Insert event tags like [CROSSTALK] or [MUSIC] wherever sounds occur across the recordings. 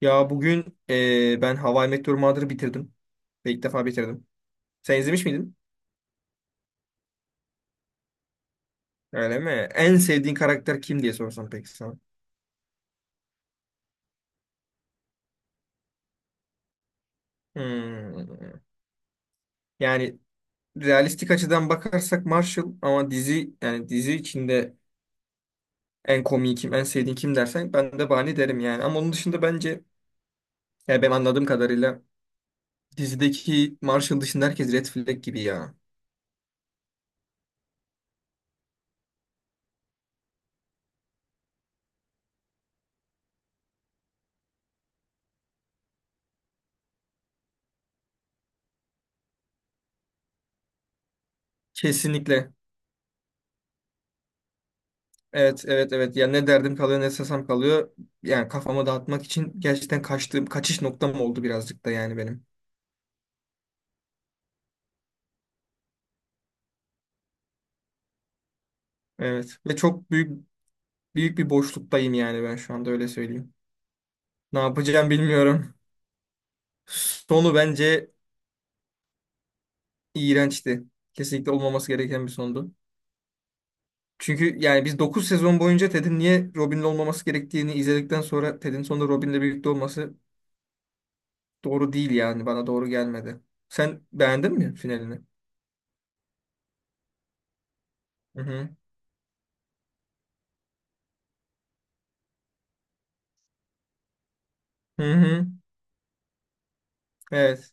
Ya bugün ben How I Met Your Mother'ı bitirdim. Ve ilk defa bitirdim. Sen izlemiş miydin? Öyle mi? En sevdiğin karakter kim diye sorsam peki sana. Hmm. Yani realistik açıdan bakarsak Marshall, ama dizi, yani dizi içinde en komiği kim, en sevdiğin kim dersen ben de Barney derim yani. Ama onun dışında bence, yani ben anladığım kadarıyla, dizideki Marshall dışında herkes Red Flag gibi ya. Kesinlikle. Evet, evet, evet. Ya ne derdim kalıyor, ne sesem kalıyor. Yani kafamı dağıtmak için gerçekten kaçtığım, kaçış noktam oldu birazcık da yani benim. Evet. Ve çok büyük büyük bir boşluktayım, yani ben şu anda öyle söyleyeyim. Ne yapacağım bilmiyorum. Sonu bence iğrençti. Kesinlikle olmaması gereken bir sondu. Çünkü yani biz 9 sezon boyunca Ted'in niye Robin'le olmaması gerektiğini izledikten sonra Ted'in sonunda Robin'le birlikte olması doğru değil yani. Bana doğru gelmedi. Sen beğendin mi finalini? Hı hı. Hı hı. Evet.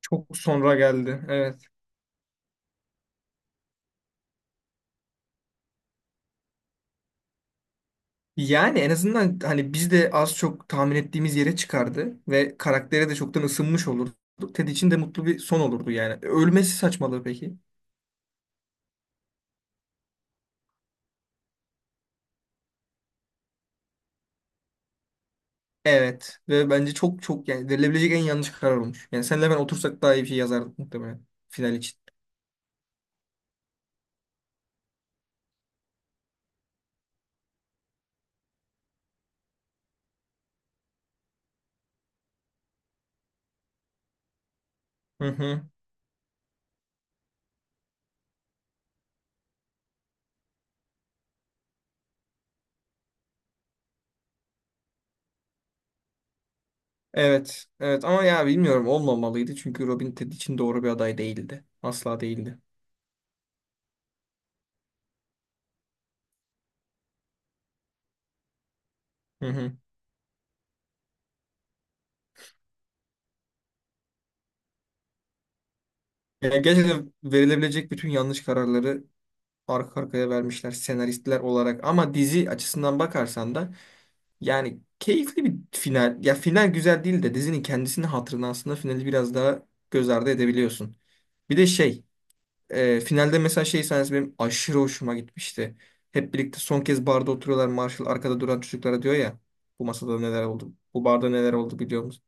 Çok sonra geldi. Evet. Yani en azından hani biz de az çok tahmin ettiğimiz yere çıkardı ve karaktere de çoktan ısınmış olurdu. Ted için de mutlu bir son olurdu yani. Ölmesi saçmalığı peki. Evet. Ve bence çok çok, yani verilebilecek en yanlış karar olmuş. Yani senle ben otursak daha iyi bir şey yazardık muhtemelen final için. Hı hı. Evet. Evet ama ya bilmiyorum, olmamalıydı çünkü Robin Ted için doğru bir aday değildi. Asla değildi. Hı hı. Yani gerçekten verilebilecek bütün yanlış kararları arka arkaya vermişler senaristler olarak. Ama dizi açısından bakarsan da yani keyifli bir final. Ya final güzel değil de dizinin kendisini hatırına aslında finali biraz daha göz ardı edebiliyorsun. Bir de şey, finalde mesela şey sahnesi benim aşırı hoşuma gitmişti. Hep birlikte son kez barda oturuyorlar. Marshall arkada duran çocuklara diyor ya, bu masada neler oldu? Bu barda neler oldu biliyor musun?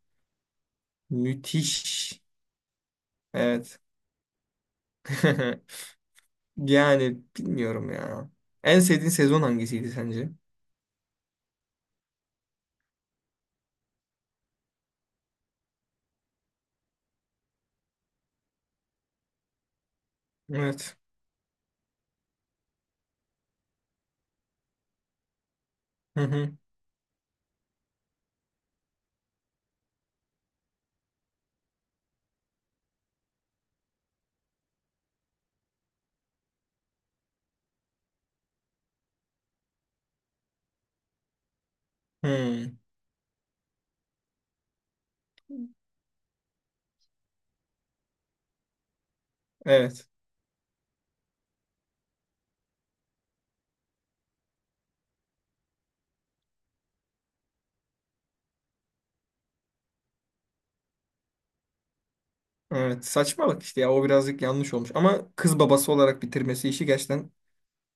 Müthiş. Evet. [LAUGHS] Yani bilmiyorum ya. En sevdiğin sezon hangisiydi sence? Evet. [LAUGHS] Hmm, evet. Evet. Saçmalık işte ya. O birazcık yanlış olmuş. Ama kız babası olarak bitirmesi işi gerçekten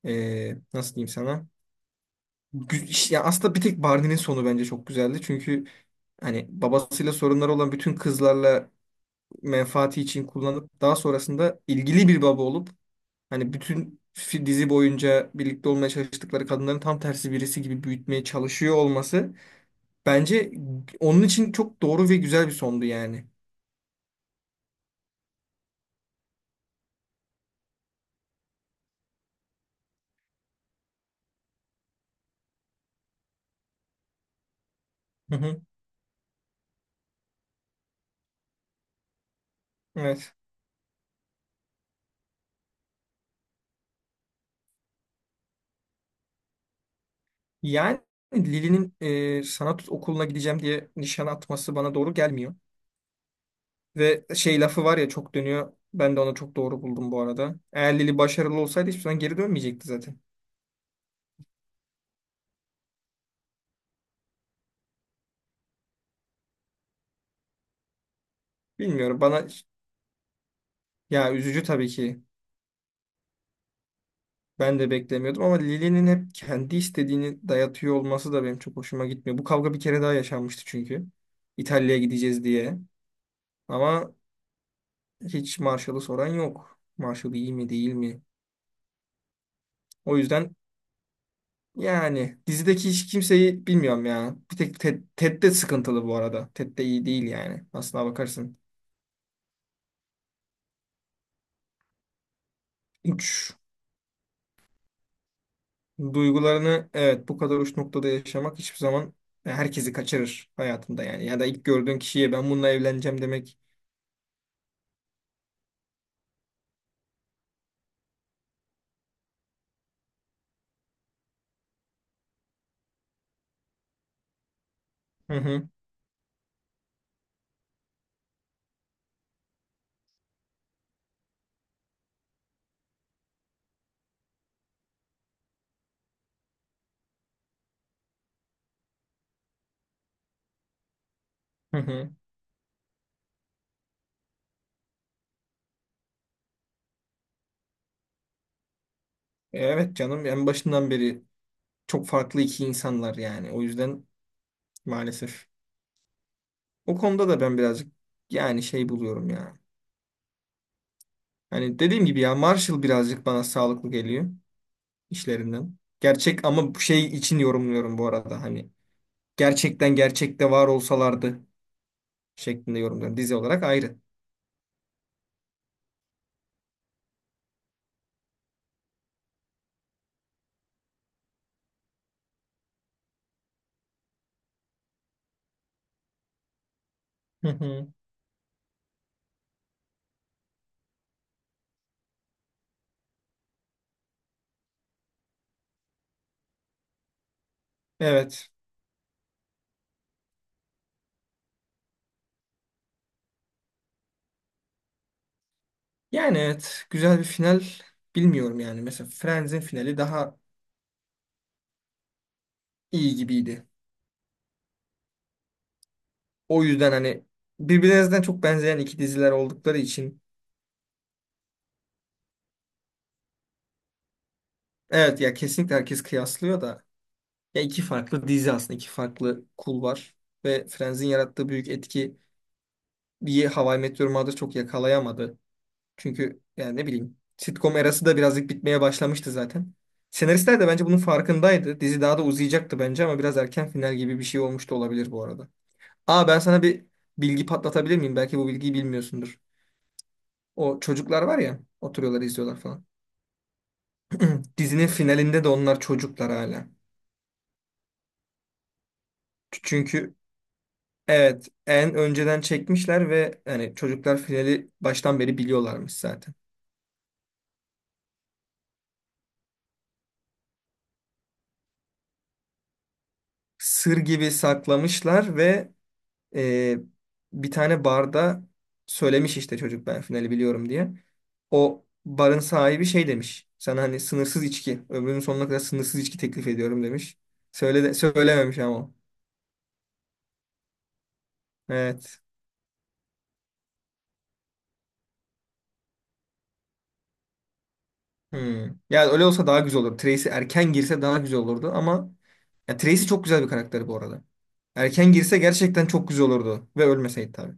nasıl diyeyim sana? Ya aslında bir tek Barney'nin sonu bence çok güzeldi. Çünkü hani babasıyla sorunları olan bütün kızlarla menfaati için kullanıp daha sonrasında ilgili bir baba olup hani bütün dizi boyunca birlikte olmaya çalıştıkları kadınların tam tersi birisi gibi büyütmeye çalışıyor olması bence onun için çok doğru ve güzel bir sondu yani. Hı hı, evet. Yani Lili'nin sanat okuluna gideceğim diye nişan atması bana doğru gelmiyor. Ve şey lafı var ya, çok dönüyor. Ben de onu çok doğru buldum bu arada. Eğer Lili başarılı olsaydı hiçbir zaman geri dönmeyecekti zaten. Bilmiyorum, bana ya üzücü tabii ki. Ben de beklemiyordum ama Lili'nin hep kendi istediğini dayatıyor olması da benim çok hoşuma gitmiyor. Bu kavga bir kere daha yaşanmıştı çünkü. İtalya'ya gideceğiz diye. Ama hiç Marshall'ı soran yok. Marshall iyi mi değil mi? O yüzden. Yani dizideki hiç kimseyi bilmiyorum ya. Bir tek Ted, Ted de sıkıntılı bu arada. Ted de iyi değil yani. Aslına bakarsın. Uç. Duygularını, evet, bu kadar uç noktada yaşamak hiçbir zaman herkesi kaçırır hayatında yani. Ya da ilk gördüğün kişiye ben bununla evleneceğim demek. Hı hı hı hı. E, evet canım, en başından beri çok farklı iki insanlar yani. O yüzden maalesef. O konuda da ben birazcık yani şey buluyorum ya. Hani dediğim gibi, ya Marshall birazcık bana sağlıklı geliyor. İşlerinden. Gerçek, ama bu şey için yorumluyorum bu arada, hani. Gerçekten gerçekte var olsalardı şeklinde yorumluyorum. Dizi olarak ayrı. Hı hı. Evet. Yani evet. Güzel bir final. Bilmiyorum yani. Mesela Friends'in finali daha iyi gibiydi. O yüzden hani, birbirinizden çok benzeyen iki diziler oldukları için, evet ya kesinlikle herkes kıyaslıyor da, ya iki farklı dizi aslında, iki farklı kul var ve Friends'in yarattığı büyük etki bir How I Met Your Mother çok yakalayamadı. Çünkü yani ne bileyim, sitcom erası da birazcık bitmeye başlamıştı zaten. Senaristler de bence bunun farkındaydı. Dizi daha da uzayacaktı bence ama biraz erken final gibi bir şey olmuş da olabilir bu arada. Aa, ben sana bir bilgi patlatabilir miyim? Belki bu bilgiyi bilmiyorsundur. O çocuklar var ya, oturuyorlar izliyorlar falan. [CLEARS THROAT] Dizinin finalinde de onlar çocuklar hala. Çünkü evet, en önceden çekmişler ve yani çocuklar finali baştan beri biliyorlarmış zaten. Sır gibi saklamışlar ve e, bir tane barda söylemiş işte çocuk ben finali biliyorum diye. O barın sahibi şey demiş. Sana hani sınırsız içki, ömrünün sonuna kadar sınırsız içki teklif ediyorum demiş. Söyle de, söylememiş ama. O. Evet. Hmm. Yani öyle olsa daha güzel olur. Tracy erken girse daha güzel olurdu, ama ya Tracy çok güzel bir karakteri bu arada. Erken girse gerçekten çok güzel olurdu ve ölmeseydi tabii.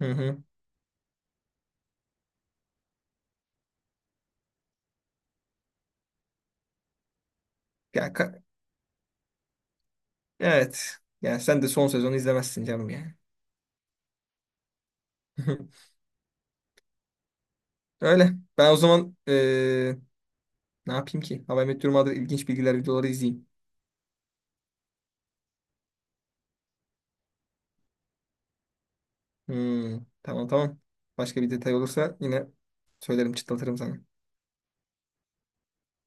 Hı hı. Ya, ka- evet. Yani sen de son sezonu izlemezsin canım yani. [LAUGHS] Öyle. Ben o zaman ne yapayım ki? How I Met Your Mother ilginç bilgiler videoları izleyeyim. Hmm, tamam tamam. Başka bir detay olursa yine söylerim, çıtlatırım sana.